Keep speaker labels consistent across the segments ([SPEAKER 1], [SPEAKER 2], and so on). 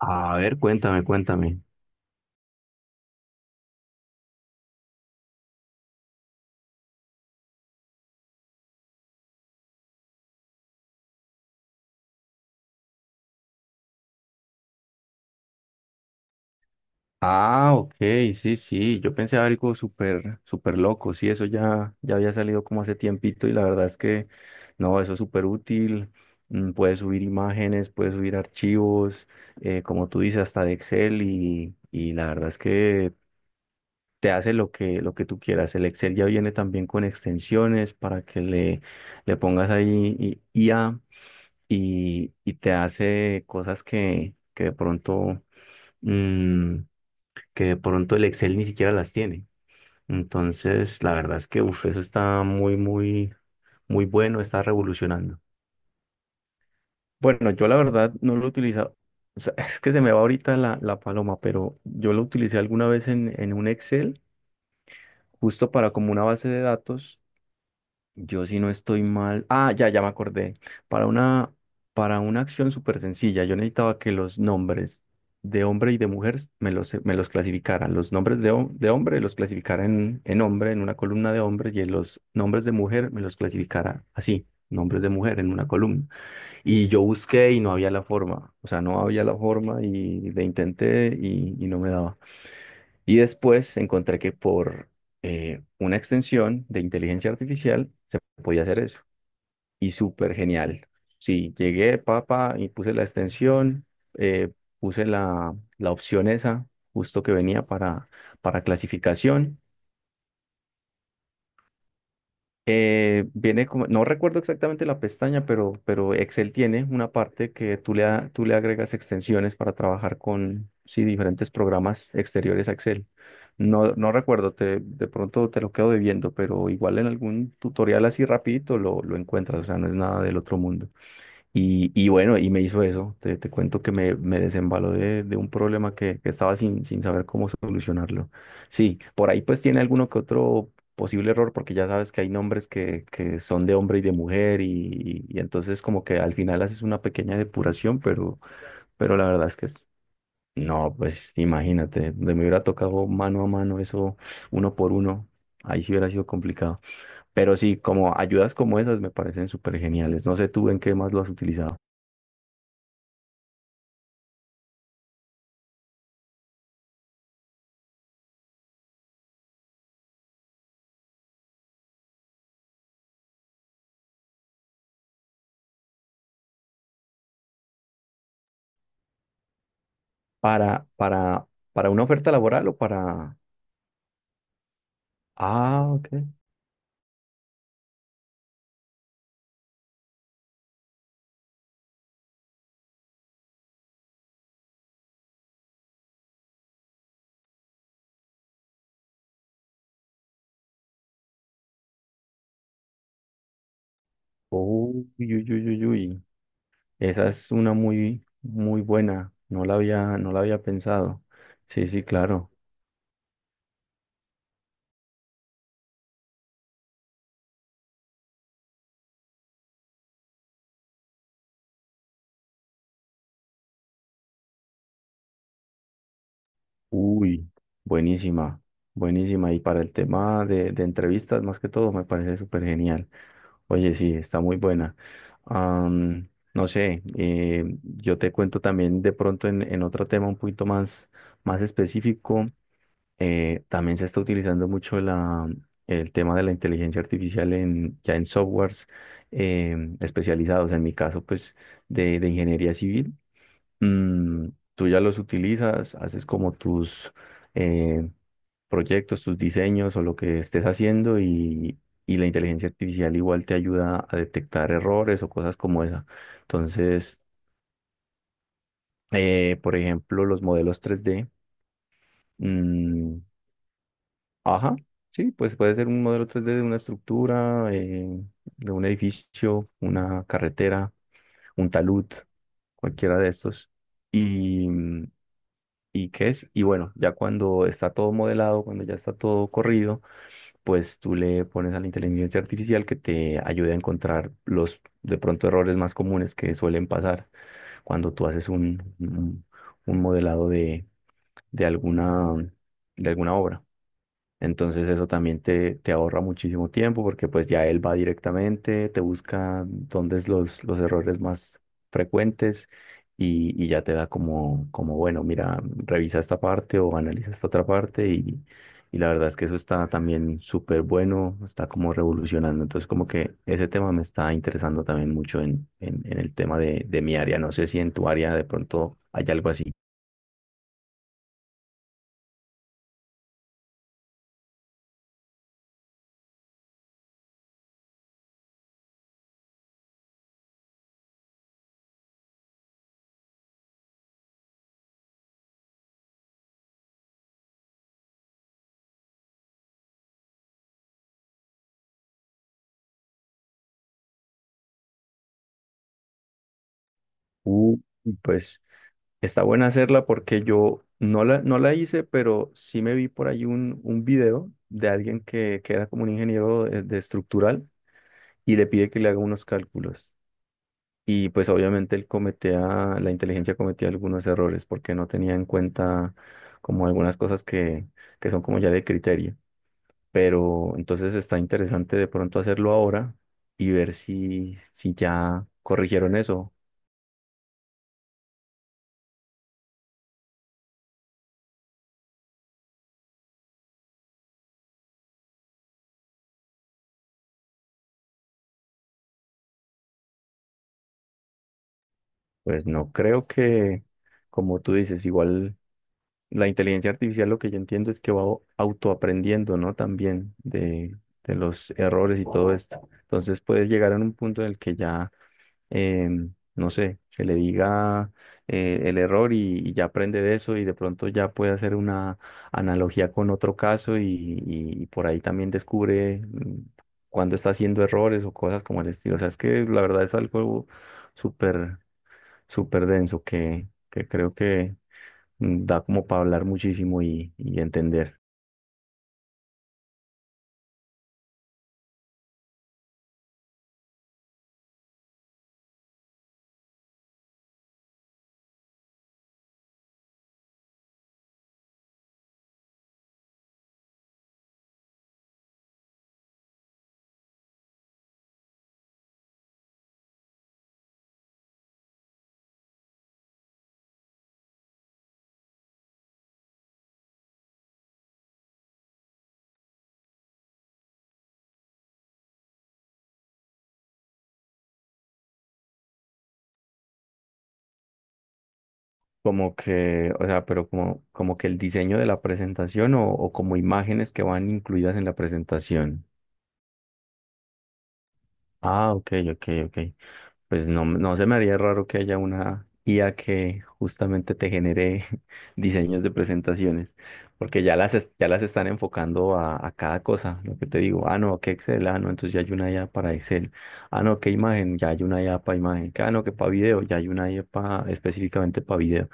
[SPEAKER 1] A ver, cuéntame, cuéntame. Ah, ok, sí, sí, yo pensé algo súper, súper loco, sí, eso ya, ya había salido como hace tiempito y la verdad es que no, eso es súper útil, mm, puedes subir imágenes, puedes subir archivos, como tú dices, hasta de Excel y la verdad es que te hace lo que tú quieras. El Excel ya viene también con extensiones para que le pongas ahí IA y te hace que de pronto mm, que de pronto el Excel ni siquiera las tiene. Entonces, la verdad es que uf, eso está muy, muy, muy bueno, está revolucionando. Bueno, yo la verdad no lo he utilizado. O sea, es que se me va ahorita la paloma, pero yo lo utilicé alguna vez en un Excel, justo para como una base de datos. Yo si no estoy mal. Ah, ya me acordé. Para una, para una acción súper sencilla, yo necesitaba que los nombres de hombre y de mujer me los clasificaran. Los nombres de, de hombre los clasificara en hombre, en una columna de hombre, y en los nombres de mujer me los clasificara así, nombres de mujer en una columna. Y yo busqué y no había la forma. O sea, no había la forma y le intenté y no me daba. Y después encontré que por una extensión de inteligencia artificial se podía hacer eso. Y súper genial. Sí, llegué, papá, y puse la extensión, eh, puse la opción esa, justo que venía para clasificación. Viene como, no recuerdo exactamente la pestaña, pero Excel tiene una parte que tú tú le agregas extensiones para trabajar con, sí, diferentes programas exteriores a Excel. No recuerdo, de pronto te lo quedo debiendo, pero igual en algún tutorial así rapidito lo encuentras, o sea, no es nada del otro mundo. Y bueno, y me hizo eso. Te cuento me desembaló de un problema que estaba sin saber cómo solucionarlo. Sí, por ahí pues tiene alguno que otro posible error, porque ya sabes que hay que son de hombre y de mujer, y entonces como que al final haces una pequeña depuración, pero la verdad es que no, pues imagínate, de me hubiera tocado mano a mano eso, uno por uno, ahí sí hubiera sido complicado. Pero sí, como ayudas como esas me parecen súper geniales. No sé tú en qué más lo has utilizado. Para, para, para una oferta laboral o para... Ah, ok. Uy, uy, uy, uy, uy. Esa es una muy, muy buena. No la había pensado. Sí, sí, claro. Uy, buenísima, buenísima. Y para el tema de entrevistas, más que todo, me parece súper genial. Oye, sí, está muy buena. Am, no sé, yo te cuento también de pronto en otro tema un poquito más, más específico. También se está utilizando mucho el tema de la inteligencia artificial en, ya en softwares especializados. En mi caso, pues, de ingeniería civil, mm, tú ya los utilizas, haces como tus eh, proyectos, tus diseños o lo que estés haciendo y la inteligencia artificial igual te ayuda a detectar errores o cosas como esa. Entonces, por ejemplo, los modelos tres d mm, Ajá, sí, pues puede ser un modelo 3D de una estructura, de un edificio, una carretera, un talud, cualquiera de estos. Y, ¿y qué es? Y bueno, ya cuando está todo modelado, cuando ya está todo corrido, pues tú le pones a la inteligencia artificial que te ayude a encontrar los de pronto errores más comunes que suelen pasar cuando tú haces un modelado de alguna, de alguna obra. Entonces eso también te ahorra muchísimo tiempo porque pues ya él va directamente, te busca dónde es los errores más frecuentes y ya te da como, como, bueno, mira, revisa esta parte o analiza esta otra parte y la verdad es que eso está también súper bueno, está como revolucionando. Entonces como que ese tema me está interesando también mucho en el tema de mi área. No sé si en tu área de pronto hay algo así. Uh, pues... Está buena hacerla porque yo no la hice, pero sí me vi por ahí un video de alguien que era como un ingeniero de estructural y le pide que le haga unos cálculos. Y pues obviamente él cometía, la inteligencia cometía algunos errores porque no tenía en cuenta como algunas cosas que son como ya de criterio. Pero entonces está interesante de pronto hacerlo ahora y ver si, si ya corrigieron eso. Pues no creo que, Como tú dices, igual... La inteligencia artificial lo que yo entiendo es que va autoaprendiendo, ¿no? También de los errores y todo esto. Entonces puedes llegar a un punto en el que ya, no sé, se le diga el error y ya aprende de eso y de pronto ya puede hacer una analogía con otro caso y por ahí también descubre cuando está haciendo errores o cosas como el estilo. O sea, es que la verdad es algo súper, súper denso que creo que da como para hablar muchísimo y entender. Como que, o sea, pero como, como que el diseño de la presentación o como imágenes que van incluidas en la presentación. Ah, ok, ok, ok. Pues no, no se me haría raro que haya una IA que justamente te genere diseños de presentaciones, porque ya ya las están enfocando a cada cosa, lo que te digo, ah, no, que Excel, ah, no, entonces ya hay una IA para Excel, ah, no, que imagen, ya hay una IA para imagen, que, ah, no, que para video, ya hay una IA específicamente para video,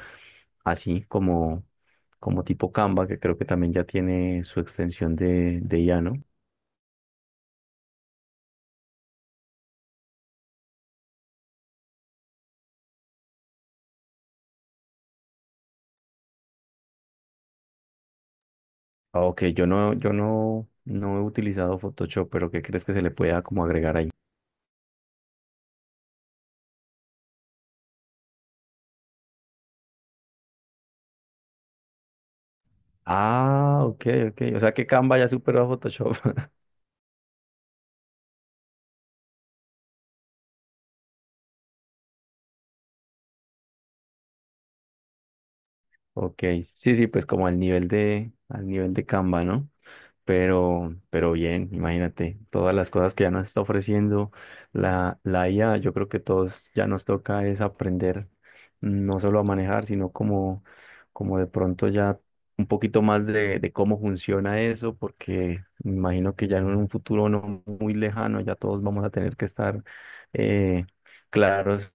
[SPEAKER 1] así como, como tipo Canva, que creo que también ya tiene su extensión de IA, ¿no? Ah, ok, yo no, yo no, no he utilizado Photoshop, pero ¿qué crees que se le pueda como agregar ahí? Ah, ok, ok. O sea que Canva ya superó a Photoshop. Ok, sí, sí, pues como al nivel de Canva, ¿no? Pero bien, imagínate, todas las cosas que ya nos está ofreciendo la IA, yo creo que todos ya nos toca es aprender no solo a manejar, sino como, como de pronto ya un poquito más de cómo funciona eso, porque me imagino que ya en un futuro no muy lejano ya todos vamos a tener que estar eh, claros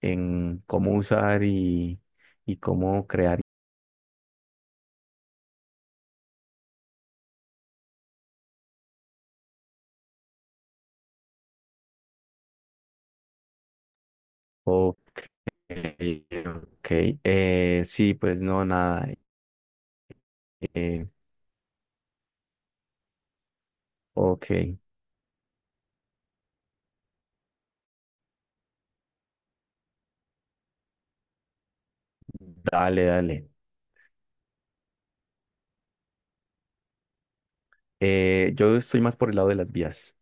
[SPEAKER 1] en cómo usar y cómo crear. Ok, ok. Sí, pues no, nada. eh, ok, dale, dale. Yo estoy más por el lado de las vías.